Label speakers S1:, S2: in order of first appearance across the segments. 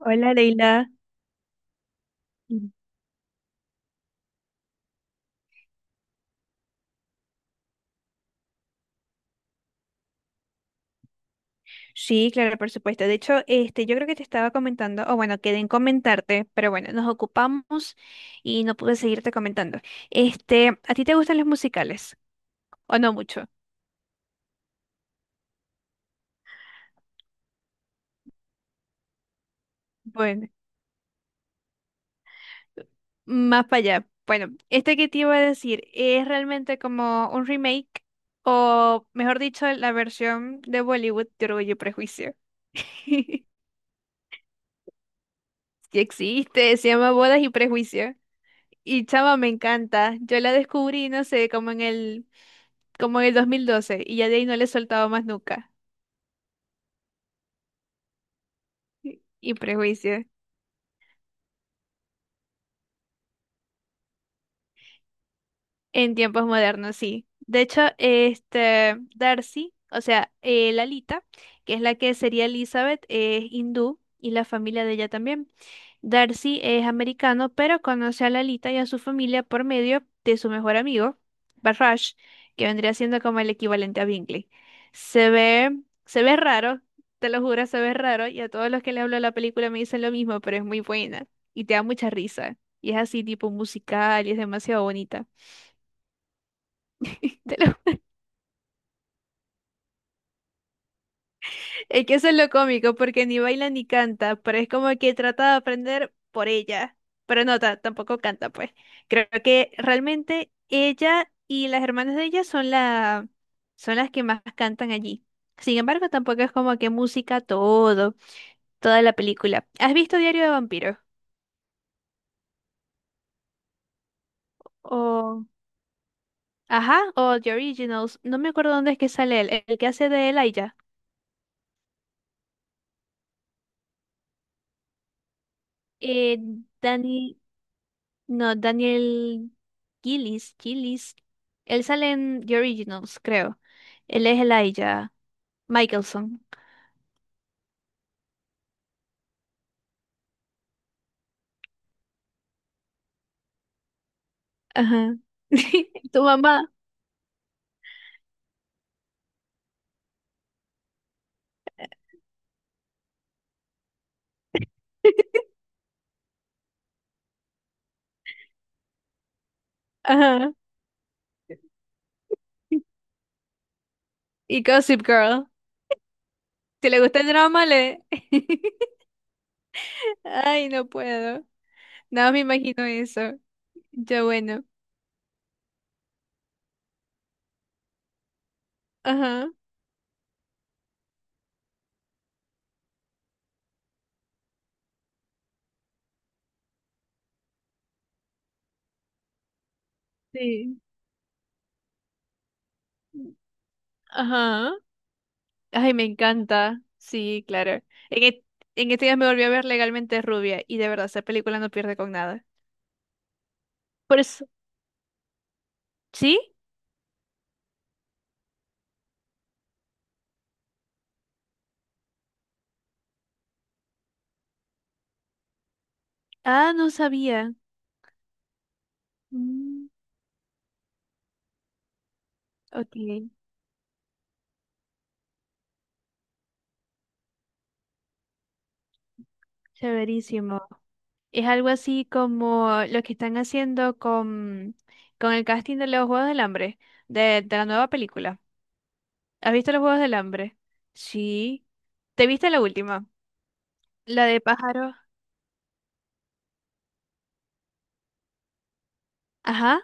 S1: Hola, Leila. Mm. Sí, claro, por supuesto. De hecho, yo creo que te estaba comentando, o bueno, quedé en comentarte, pero bueno, nos ocupamos y no pude seguirte comentando. ¿A ti te gustan los musicales? ¿O no mucho? Bueno, más para allá. Bueno, este que te iba a decir es realmente como un remake, o mejor dicho, la versión de Bollywood de Orgullo y Prejuicio. Sí existe, se llama Bodas y Prejuicio. Y chama, me encanta. Yo la descubrí, no sé, como en el 2012 y ya de ahí no le he soltado más nunca. Y prejuicios. En tiempos modernos, sí. De hecho, este Darcy, o sea, Lalita, que es la que sería Elizabeth, es hindú y la familia de ella también. Darcy es americano, pero conoce a Lalita y a su familia por medio de su mejor amigo, Barrage, que vendría siendo como el equivalente a Bingley. Se ve, se ve raro, te lo juro, se ve raro, y a todos los que le hablo de la película me dicen lo mismo, pero es muy buena y te da mucha risa. Y es así, tipo musical, y es demasiado bonita. Te lo Es que eso es lo cómico, porque ni baila ni canta, pero es como que trata de aprender por ella. Pero no, tampoco canta, pues. Creo que realmente ella y las hermanas de ella son las que más cantan allí. Sin embargo, tampoco es como que música toda la película. ¿Has visto Diario de Vampiros? O, ajá, o The Originals. No me acuerdo dónde es que sale él, el que hace de Elijah. Eh, Danny. No, Daniel Gillis. Él sale en The Originals, creo. Él es Elijah Michelson. Ajá. Tu mamá. Ajá. Y Gossip Girl. Si le gusta el drama, le... Ay, no puedo. No me imagino eso. Yo, bueno. Ajá. Sí. Ajá. Ay, me encanta. Sí, claro. En, e- en estos días me volví a ver Legalmente Rubia y de verdad, esa película no pierde con nada. Por eso. ¿Sí? Ah, no sabía. Mm, ok, severísimo. Es algo así como lo que están haciendo con el casting de los Juegos del Hambre, de la nueva película. ¿Has visto los Juegos del Hambre? Sí. ¿Te viste la última? La de pájaro. Ajá.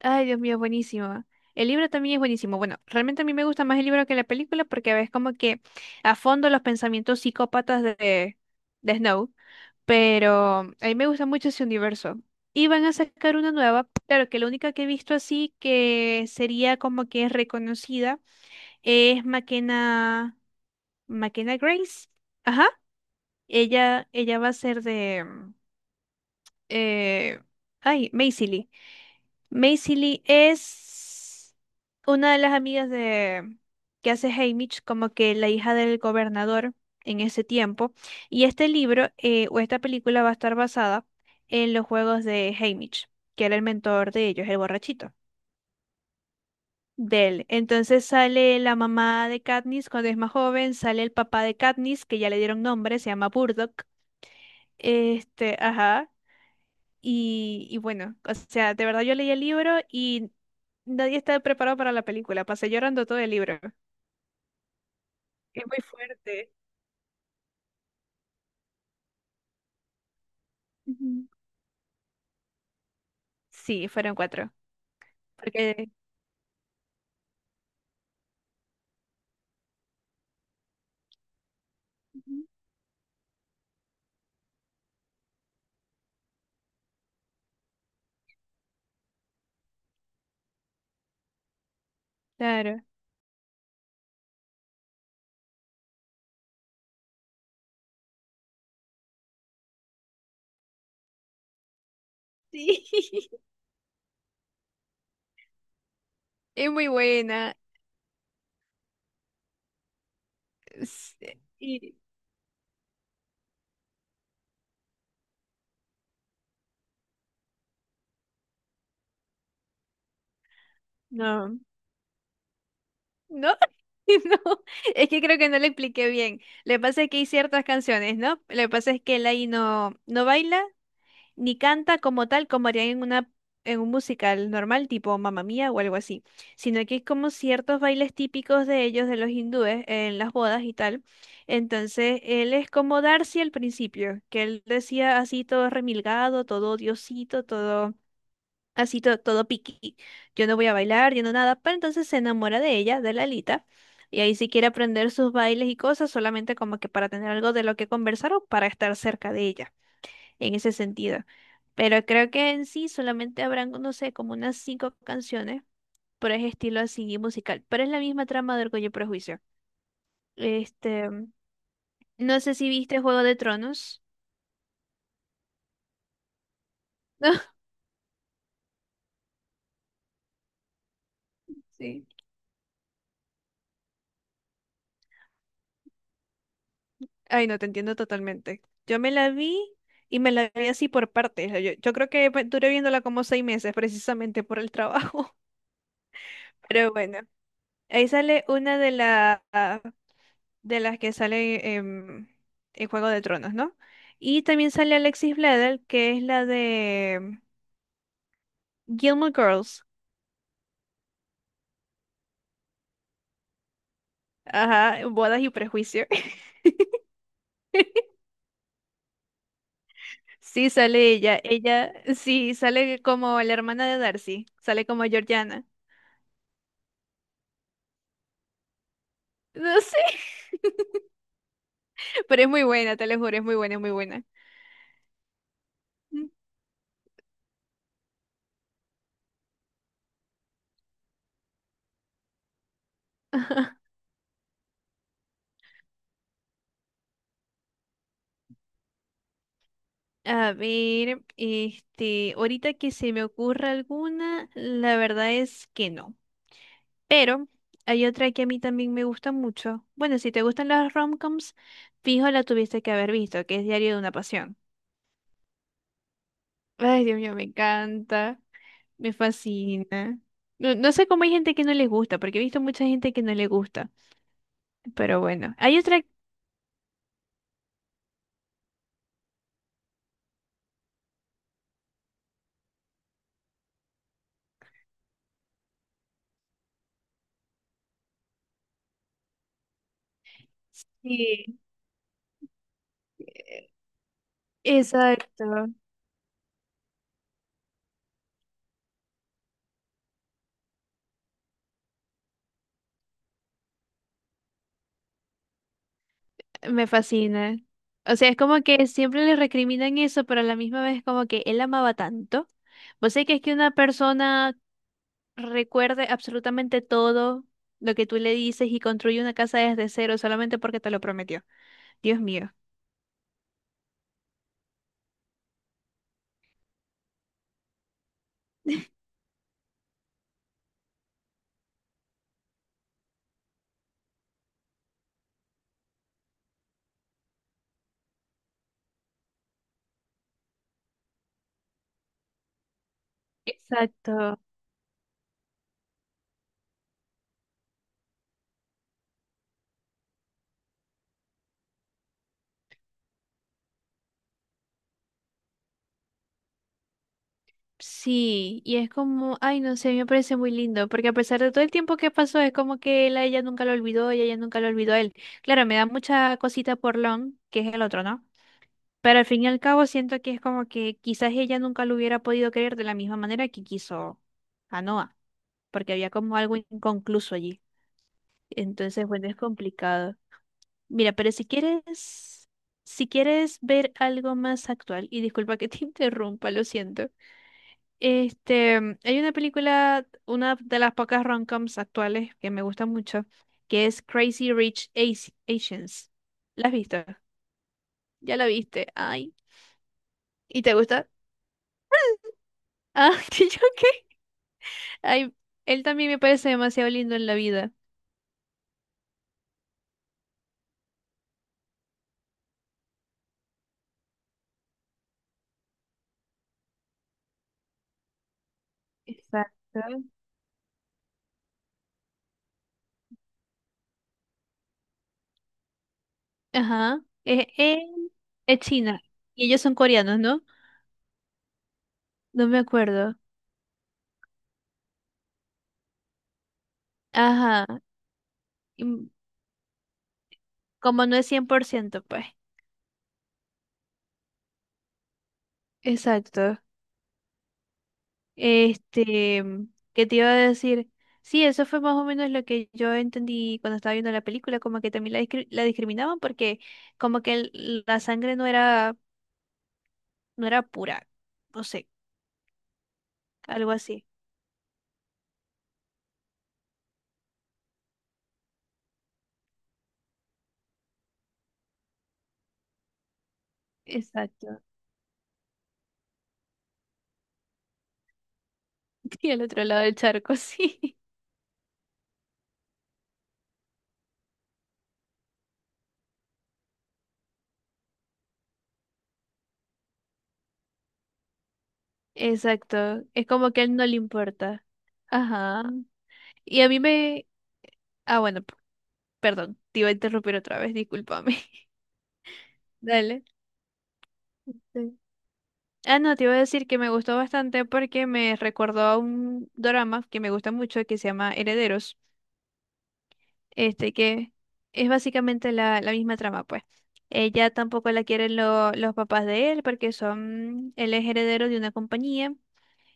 S1: Ay, Dios mío, buenísimo. El libro también es buenísimo. Bueno, realmente a mí me gusta más el libro que la película porque ves como que a fondo los pensamientos psicópatas de Snow. Pero a mí me gusta mucho ese universo. Y van a sacar una nueva, claro que la única que he visto así que sería como que es reconocida es Makena, Makena Grace. Ajá, ella va a ser de, eh, ay, Maisie Lee. Maisie Lee es una de las amigas de que hace Haymitch, como que la hija del gobernador en ese tiempo. Y este libro o esta película va a estar basada en los juegos de Haymitch, que era el mentor de ellos, el borrachito de él. Entonces sale la mamá de Katniss cuando es más joven, sale el papá de Katniss, que ya le dieron nombre, se llama Burdock. Ajá. Y bueno, o sea, de verdad yo leí el libro y nadie estaba preparado para la película. Pasé llorando todo el libro. Es muy fuerte. Ujú. Sí, fueron cuatro. Porque, Ujú. Claro, sí, es muy buena. es- Y no, no, no, es que creo que no le expliqué bien. Le pasa es que hay ciertas canciones, ¿no? Le pasa es que Eli no baila ni canta como tal como harían en un musical normal tipo Mamma Mía o algo así, sino que es como ciertos bailes típicos de ellos, de los hindúes, en las bodas y tal. Entonces, él es como Darcy al principio, que él decía así todo remilgado, todo diosito, todo así todo piqui. Yo no voy a bailar, yo no nada, pero entonces se enamora de ella, de Lalita. Y ahí sí quiere aprender sus bailes y cosas, solamente como que para tener algo de lo que conversar o para estar cerca de ella en ese sentido. Pero creo que en sí solamente habrán, no sé, como unas cinco canciones por ese estilo así musical. Pero es la misma trama de Orgullo y Prejuicio. Este, no sé si viste Juego de Tronos. Ay, no, te entiendo totalmente. Yo me la vi y me la vi así por partes. Yo creo que pues, duré viéndola como 6 meses precisamente por el trabajo. Pero bueno, ahí sale una de las que sale en Juego de Tronos, ¿no? Y también sale Alexis Bledel, que es la de Gilmore Girls, ajá, Bodas y Prejuicio. Sí, sale ella, sí, sale como la hermana de Darcy, sale como Georgiana. No sé, pero es muy buena, te lo juro, es muy buena, es muy buena. Mm. A ver, ahorita que se me ocurra alguna, la verdad es que no. Pero hay otra que a mí también me gusta mucho. Bueno, si te gustan las romcoms, fijo la tuviste que haber visto, que es Diario de una Pasión. Ay, Dios mío, me encanta, me fascina. No, no sé cómo hay gente que no les gusta, porque he visto mucha gente que no le gusta. Pero bueno, hay otra... Sí, eh, exacto, me fascina. O sea, es como que siempre le recriminan eso, pero a la misma vez como que él amaba tanto. Vos sé que es que una persona recuerde absolutamente todo lo que tú le dices y construye una casa desde cero solamente porque te lo prometió. Dios mío. Exacto. Sí, y es como, ay, no sé, me parece muy lindo, porque a pesar de todo el tiempo que pasó, es como que él a ella nunca lo olvidó y ella nunca lo olvidó a él. Claro, me da mucha cosita por Lon, que es el otro, ¿no? Pero al fin y al cabo siento que es como que quizás ella nunca lo hubiera podido querer de la misma manera que quiso a Noah, porque había como algo inconcluso allí. Entonces, bueno, es complicado. Mira, pero si quieres, si quieres ver algo más actual, y disculpa que te interrumpa, lo siento. Hay una película, una de las pocas rom-coms actuales que me gusta mucho, que es Crazy Rich Asians. ¿La has visto? Ya la viste. Ay. ¿Y te gusta? Ah, ¿y yo qué? Ay, él también me parece demasiado lindo en la vida. Exacto. Ajá. Es China. Y ellos son coreanos, ¿no? No me acuerdo. Ajá. Como no es 100% pues. Exacto. Este, mm, ¿Qué te iba a decir? Sí, eso fue más o menos lo que yo entendí cuando estaba viendo la película, como que también la discriminaban porque como que la sangre no era, no era pura, no sé, algo así. Exacto. Y al otro lado del charco, sí. Exacto. Es como que a él no le importa. Ajá. Y a mí me... Ah, bueno, perdón, te iba a interrumpir otra vez, discúlpame. Dale. Ah, no, te iba a decir que me gustó bastante porque me recordó a un drama que me gusta mucho que se llama Herederos, este que es básicamente la misma trama, pues. Ella tampoco la quieren los papás de él porque son, él es heredero de una compañía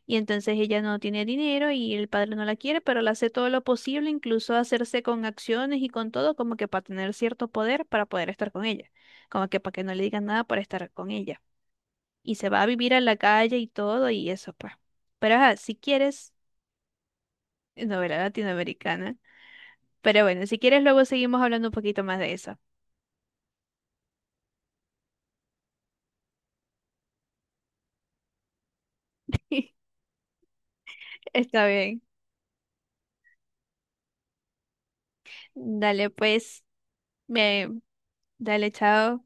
S1: y entonces ella no tiene dinero y el padre no la quiere, pero le hace todo lo posible, incluso hacerse con acciones y con todo, como que para tener cierto poder para poder estar con ella, como que para que no le digan nada por estar con ella y se va a vivir a la calle y todo y eso, pues. Pero ajá, si quieres, novela latinoamericana. Pero bueno, si quieres luego seguimos hablando un poquito más de eso. Está bien. Dale, pues, me, dale, chao.